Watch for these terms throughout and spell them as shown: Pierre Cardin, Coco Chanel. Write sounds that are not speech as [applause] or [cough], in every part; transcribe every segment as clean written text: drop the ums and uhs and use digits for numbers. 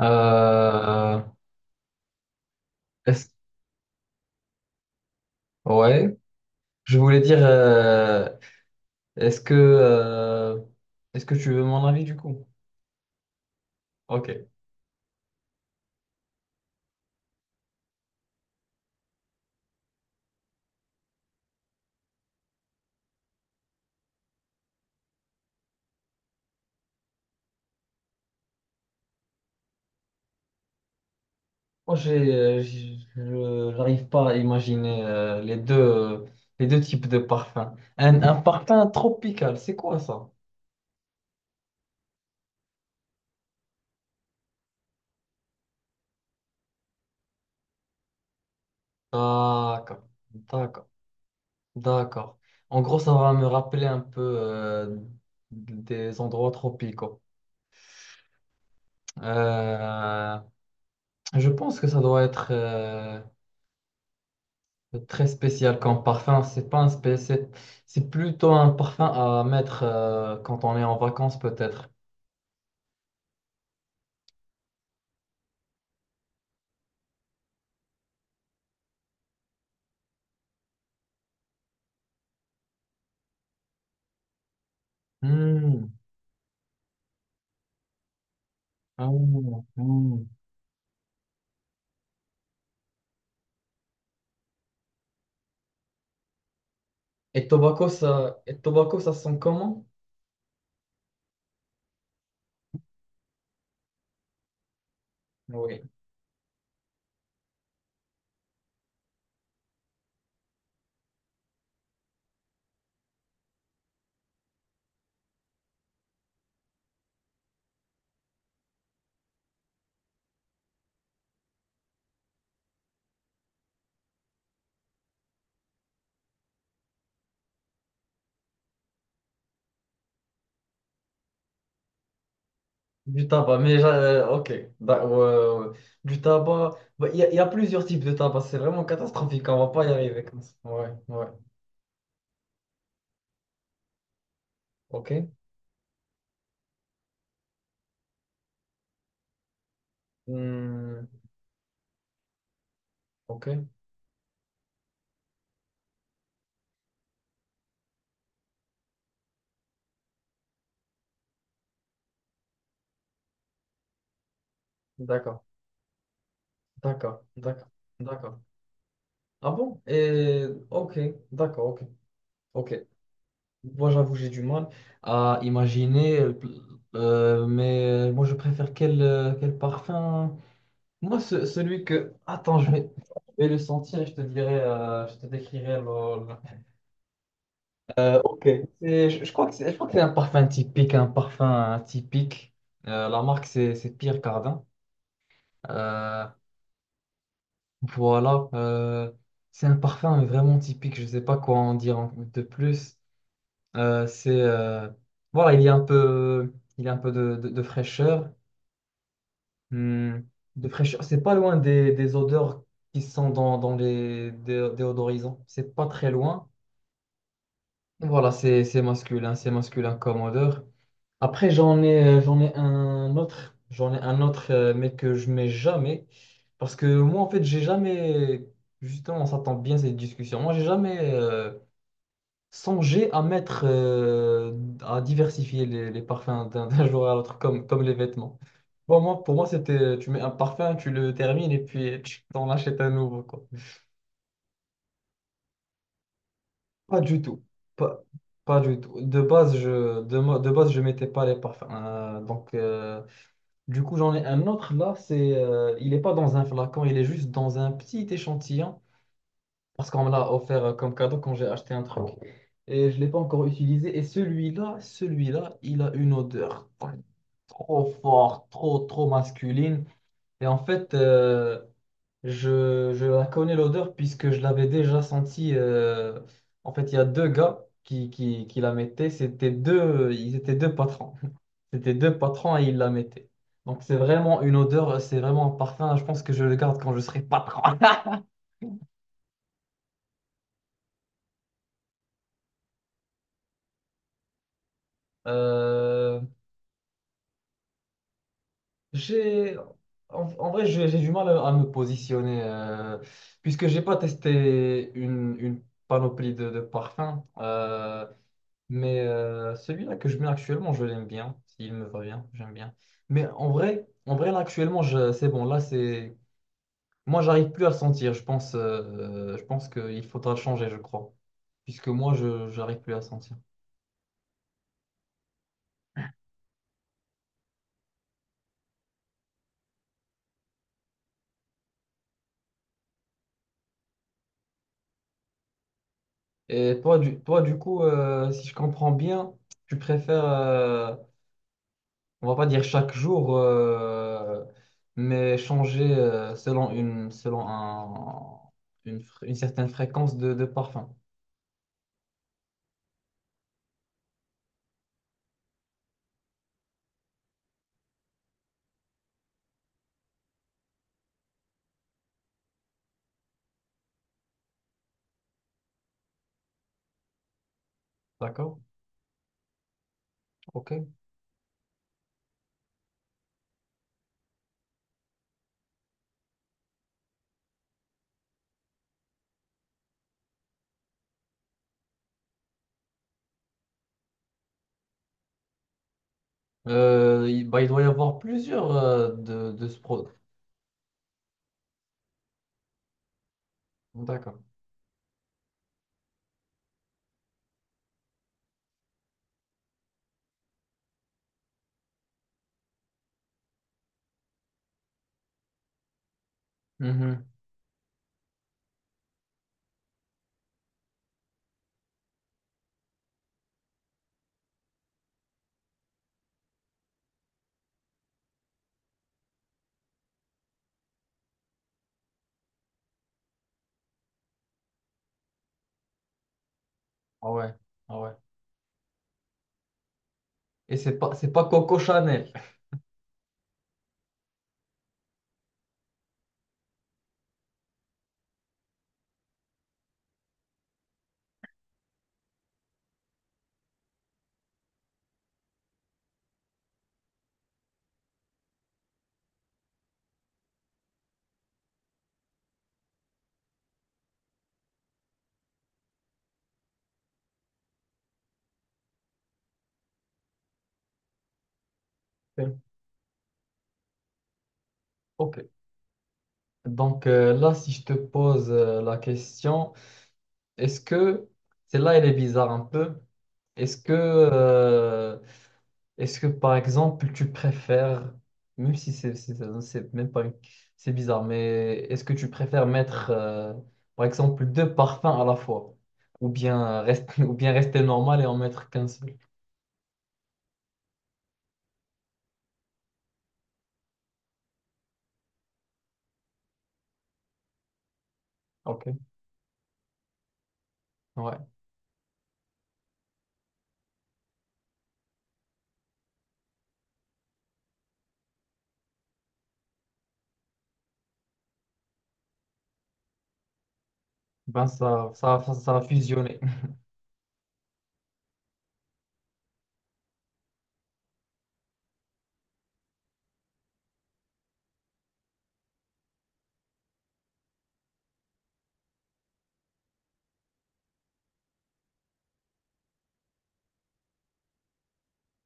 Euh, est-ce- ouais, je voulais dire, est-ce que, euh, est-ce que tu veux mon avis du coup? Ok. Moi, j'ai, je n'arrive pas à imaginer, les deux types de parfums. Un parfum tropical, c'est quoi ça? D'accord, d'accord, d'accord. En gros, ça va me rappeler un peu, des endroits tropicaux. Euh, je pense que ça doit être. C'est très spécial comme parfum, c'est pas un, c'est plutôt un parfum à mettre, quand on est en vacances peut-être. Hmm. Ah. Hmm. Et tobacco ça sent comment? Oui, du tabac, mais ok. Ouais, ouais, ouais. Du tabac, bah, il y a plusieurs types de tabac, c'est vraiment catastrophique, on va pas y arriver comme ça. Ouais, ouais, ok. Hmm. Ok, d'accord, d'accord, d'accord, d'accord. Ah bon? Et ok, d'accord, ok. Ok. Moi, j'avoue, j'ai du mal à imaginer, mais moi, je préfère quel, quel parfum. Moi, celui que. Attends, je vais le sentir et je te dirai, je te décrirai le. Ok. Je crois que c'est un parfum typique, un parfum typique. La marque, c'est Pierre Cardin. Euh, voilà. C'est un parfum vraiment typique. Je ne sais pas quoi en dire de plus. C'est, voilà, il y a un peu de, de fraîcheur. Hmm. De fraîcheur. C'est pas loin des odeurs qui sont dans les déodorisants. C'est pas très loin. Voilà, c'est masculin, c'est masculin comme odeur. Après, j'en ai un autre, j'en ai un autre, mais que je mets jamais, parce que moi en fait, j'ai jamais, justement, on s'attend bien à cette discussion. Moi, j'ai jamais, songer à mettre, à diversifier les parfums d'un jour à l'autre, comme les vêtements. Bon, moi, pour moi, c'était: tu mets un parfum, tu le termines et puis tu t'en achètes un nouveau, quoi. Pas du tout. Pas, pas du tout. De base, je mettais pas les parfums. Donc, du coup, j'en ai un autre là, c'est, il n'est pas dans un flacon, il est juste dans un petit échantillon, parce qu'on me l'a offert, comme cadeau quand j'ai acheté un truc. Et je ne l'ai pas encore utilisé. Et celui-là, il a une odeur trop forte, trop, trop masculine. Et en fait, je la connais, l'odeur, puisque je l'avais déjà sentie. En fait, il y a deux gars qui la mettaient. C'était deux, ils étaient deux patrons. [laughs] C'était deux patrons et ils la mettaient. Donc, c'est vraiment une odeur, c'est vraiment un parfum. Je pense que je le garde quand je serai patron. [laughs] Euh, J'ai, en vrai, j'ai du mal à me positionner, puisque j'ai pas testé une panoplie de parfums, mais, celui-là que je mets actuellement, je l'aime bien. S'il me va bien, j'aime bien. Mais en vrai, là, actuellement, c'est bon. Là, c'est, moi, j'arrive plus à le sentir. Je pense qu'il faudra le changer, je crois, puisque moi, je j'arrive plus à le sentir. Et toi, du coup, si je comprends bien, tu préfères, on va pas dire chaque jour, mais changer, selon un, une certaine fréquence de parfum. D'accord? Ok. Bah, il doit y avoir plusieurs, de ce produit. D'accord. Mhm. Ah ouais. Ah ouais. Et c'est pas Coco Chanel. [laughs] Ok. Ok. Donc, là, si je te pose, la question, est-ce que, celle-là, elle est bizarre un peu. Est-ce que euh, Est-ce que par exemple tu préfères, même si c'est même pas c'est bizarre, mais est-ce que tu préfères mettre, par exemple, deux parfums à la fois ou bien rester [laughs] ou bien rester normal et en mettre qu'un seul? Ok, ouais. Ben ça va fusionner. [laughs]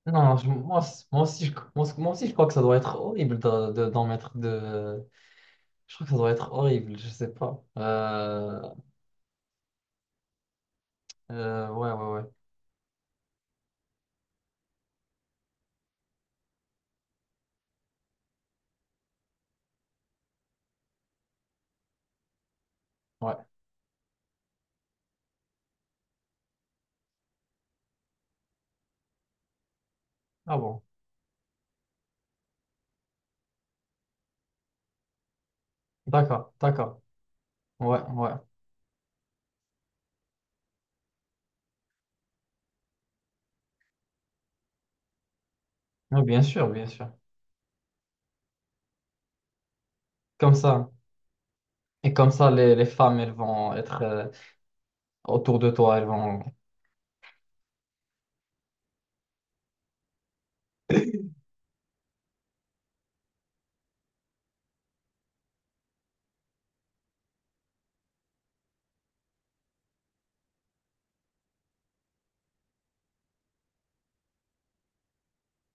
Non, moi, c- moi aussi je, moi, c- moi aussi je crois que ça doit être horrible d'en mettre deux. Je crois que ça doit être horrible, je sais pas. Ouais, ouais, ouais, ouais. Ah bon. D'accord, d'accord. Ouais, ouais. Oui, bien sûr, bien sûr. Comme ça. Et comme ça, les femmes, elles vont être, autour de toi, elles vont... [laughs]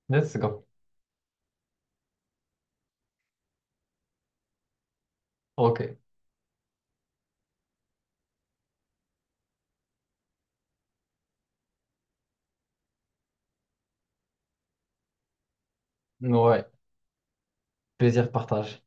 Let's go. OK. Ouais. Plaisir partagé.